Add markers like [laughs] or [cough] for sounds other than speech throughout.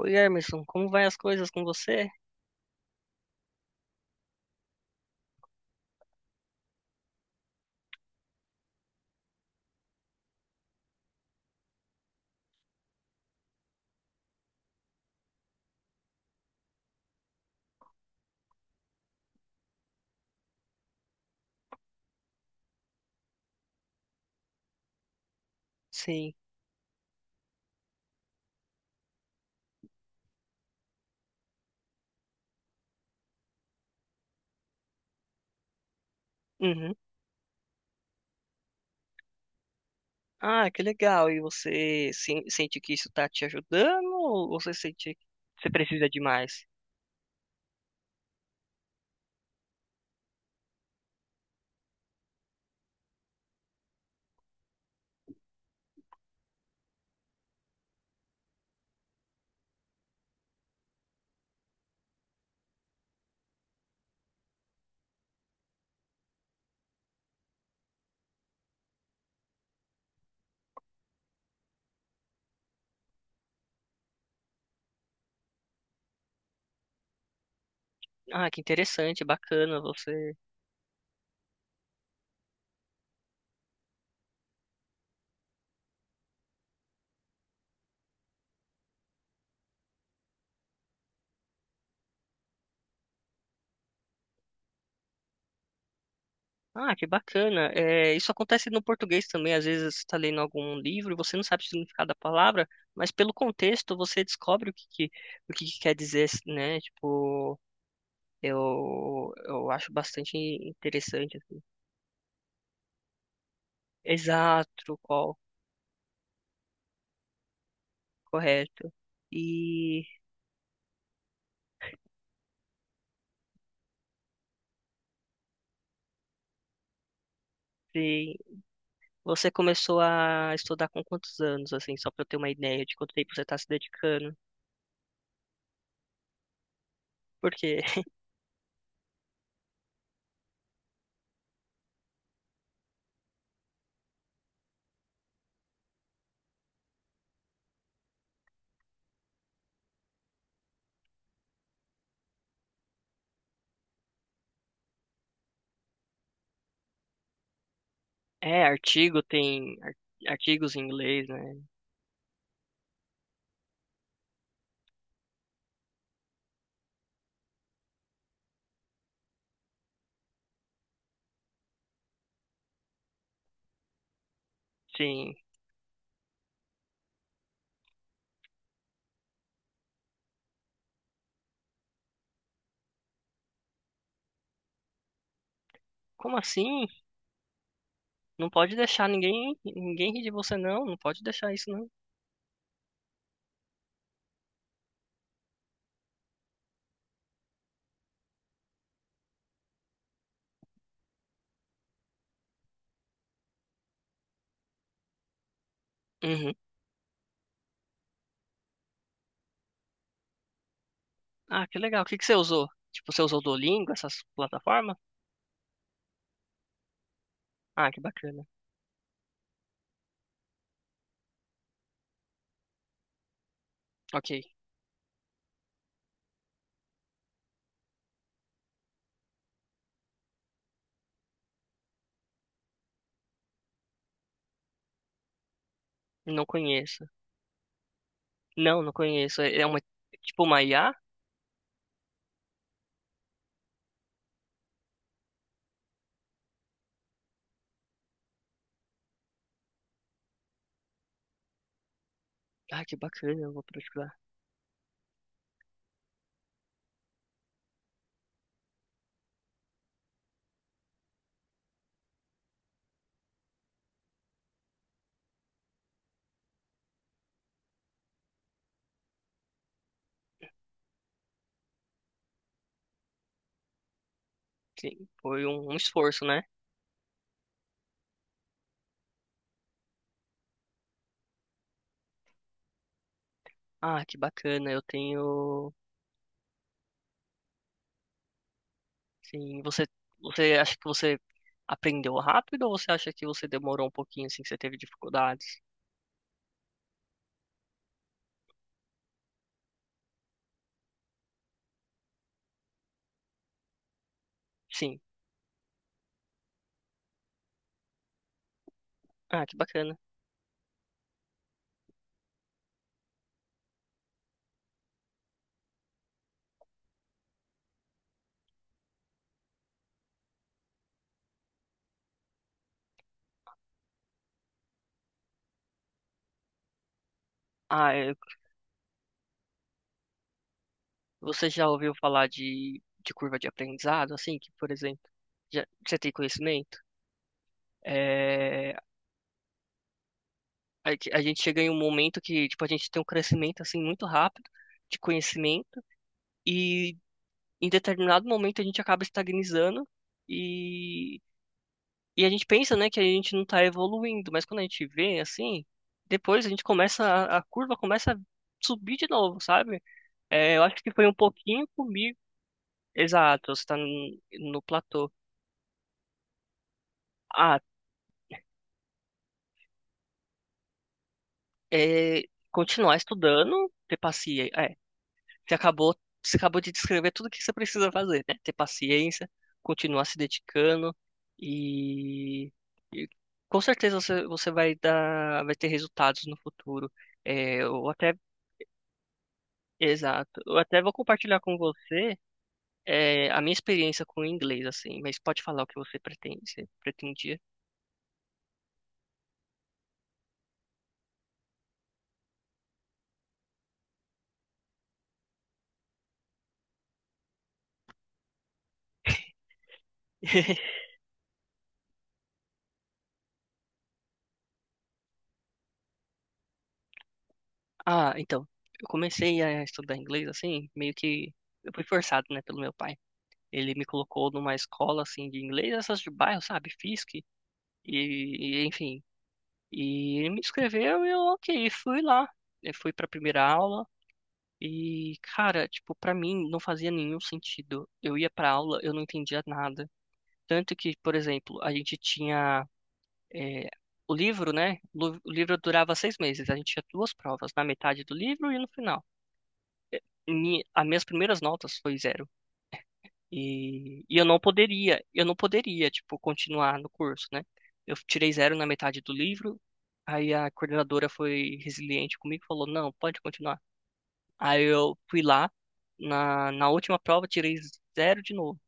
Oi, Emerson, como vai as coisas com você? Sim. Uhum. Ah, que legal. E você sente que isso está te ajudando ou você sente que você precisa de mais? Ah, que interessante, bacana você. Ah, que bacana. É, isso acontece no português também. Às vezes você está lendo algum livro e você não sabe o significado da palavra, mas pelo contexto você descobre o que que quer dizer, né? Tipo, eu acho bastante interessante. Assim. Exato, qual. Correto. E sim, você começou a estudar com quantos anos, assim, só para eu ter uma ideia de quanto tempo você está se dedicando? Porque [laughs] é artigo, artigos em inglês, né? Sim. Como assim? Não pode deixar ninguém, ninguém rir de você, não. Não pode deixar isso, não. Uhum. Ah, que legal. O que que você usou? Tipo, você usou o Duolingo, essas plataformas? Ah, que bacana. Ok. Não conheço. Não, não conheço. É uma, tipo uma IA? Ah, que bacana. Eu vou procurar. Sim, foi um, um esforço, né? Ah, que bacana, eu tenho. Sim, você, você acha que você aprendeu rápido ou você acha que você demorou um pouquinho, assim, que você teve dificuldades? Sim. Ah, que bacana. Ah, é, você já ouviu falar de curva de aprendizado, assim, que, por exemplo, já, você tem conhecimento? É, a gente chega em um momento que, tipo, a gente tem um crescimento, assim, muito rápido de conhecimento e em determinado momento a gente acaba estagnizando e E a gente pensa, né, que a gente não tá evoluindo, mas quando a gente vê assim, depois a gente começa, a curva começa a subir de novo, sabe? É, eu acho que foi um pouquinho comigo. Exato, você tá no, no platô. Ah, é, continuar estudando, ter paciência. É, você acabou, você acabou de descrever tudo que você precisa fazer, né? Ter paciência, continuar se dedicando e, e com certeza você, você vai dar, vai ter resultados no futuro. É, eu até exato. Eu até vou compartilhar com você a minha experiência com o inglês, assim, mas pode falar o que você pretende, você pretendia. [laughs] Ah, então, eu comecei a estudar inglês, assim, meio que eu fui forçado, né, pelo meu pai. Ele me colocou numa escola, assim, de inglês, essas de bairro, sabe, Fisk, e, enfim. E ele me inscreveu e eu, ok, fui lá. Eu fui pra primeira aula e, cara, tipo, pra mim não fazia nenhum sentido. Eu ia pra aula, eu não entendia nada. Tanto que, por exemplo, a gente tinha eh, o livro, né? O livro durava 6 meses. A gente tinha duas provas, na metade do livro e no final. As minhas primeiras notas foi zero. E, eu não poderia, tipo, continuar no curso, né? Eu tirei zero na metade do livro. Aí a coordenadora foi resiliente comigo e falou, não, pode continuar. Aí eu fui lá, na, na última prova, tirei zero de novo.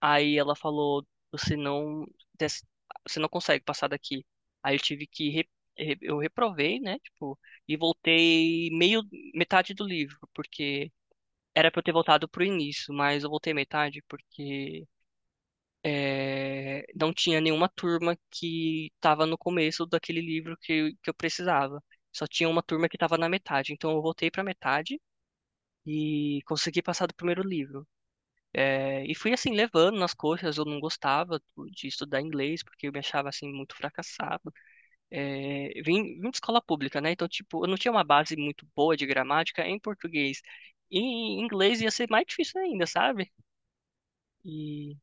Aí ela falou, você não, des- você não consegue passar daqui. Aí eu tive que, eu reprovei, né, tipo, e voltei meio, metade do livro, porque era pra eu ter voltado pro início, mas eu voltei metade porque é, não tinha nenhuma turma que tava no começo daquele livro que, que eu precisava. Só tinha uma turma que tava na metade, então eu voltei pra metade e consegui passar do primeiro livro. É, e fui assim, levando nas coxas, eu não gostava de estudar inglês, porque eu me achava assim muito fracassado. É, vim, vim de escola pública, né? Então, tipo, eu não tinha uma base muito boa de gramática em português. E em inglês ia ser mais difícil ainda, sabe? E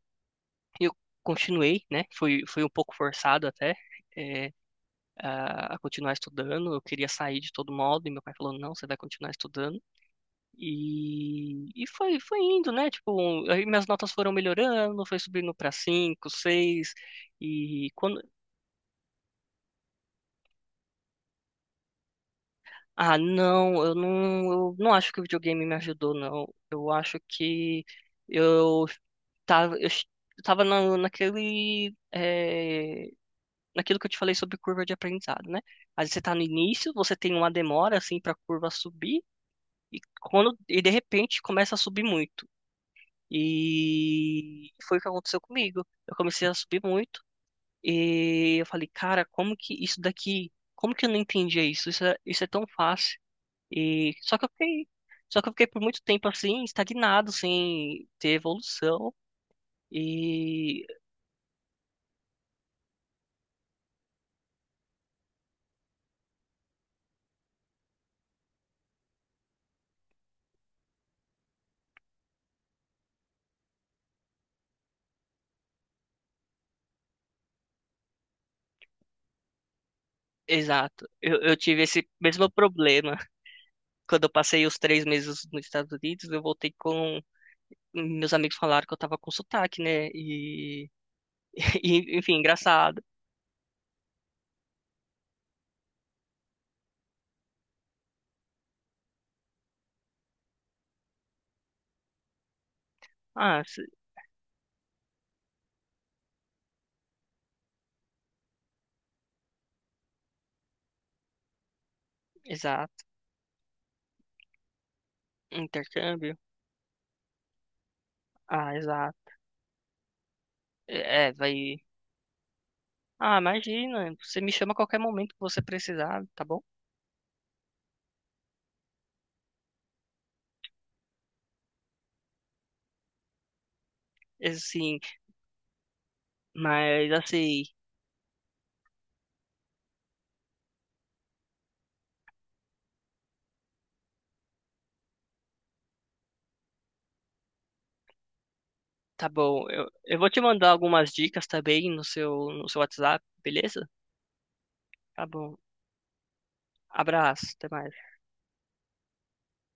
eu continuei, né? Fui, fui um pouco forçado até. É, a continuar estudando, eu queria sair de todo modo, e meu pai falou, não, você vai continuar estudando. E foi, foi indo, né? Tipo, um, aí minhas notas foram melhorando, foi subindo para cinco, seis. E quando. Ah, não, eu não, eu não acho que o videogame me ajudou, não. Eu acho que eu tava, eu tava na, naquele, naquilo que eu te falei sobre curva de aprendizado, né? Aí você tá no início, você tem uma demora, assim, pra curva subir, e quando, e de repente começa a subir muito. E foi o que aconteceu comigo. Eu comecei a subir muito e eu falei, cara, como que isso daqui, como que eu não entendia isso? Isso é tão fácil. E só que eu fiquei por muito tempo assim, estagnado, sem ter evolução. E exato, eu tive esse mesmo problema. [laughs] Quando eu passei os 3 meses nos Estados Unidos, eu voltei com meus amigos falaram que eu tava com sotaque, né? E, [laughs] e enfim, engraçado. Ah, se- exato. Intercâmbio. Ah, exato. É, é, vai. Ah, imagina. Você me chama a qualquer momento que você precisar, tá bom? Assim, mas assim, tá bom. Eu vou te mandar algumas dicas também no seu, no seu WhatsApp, beleza? Tá bom. Abraço, até mais.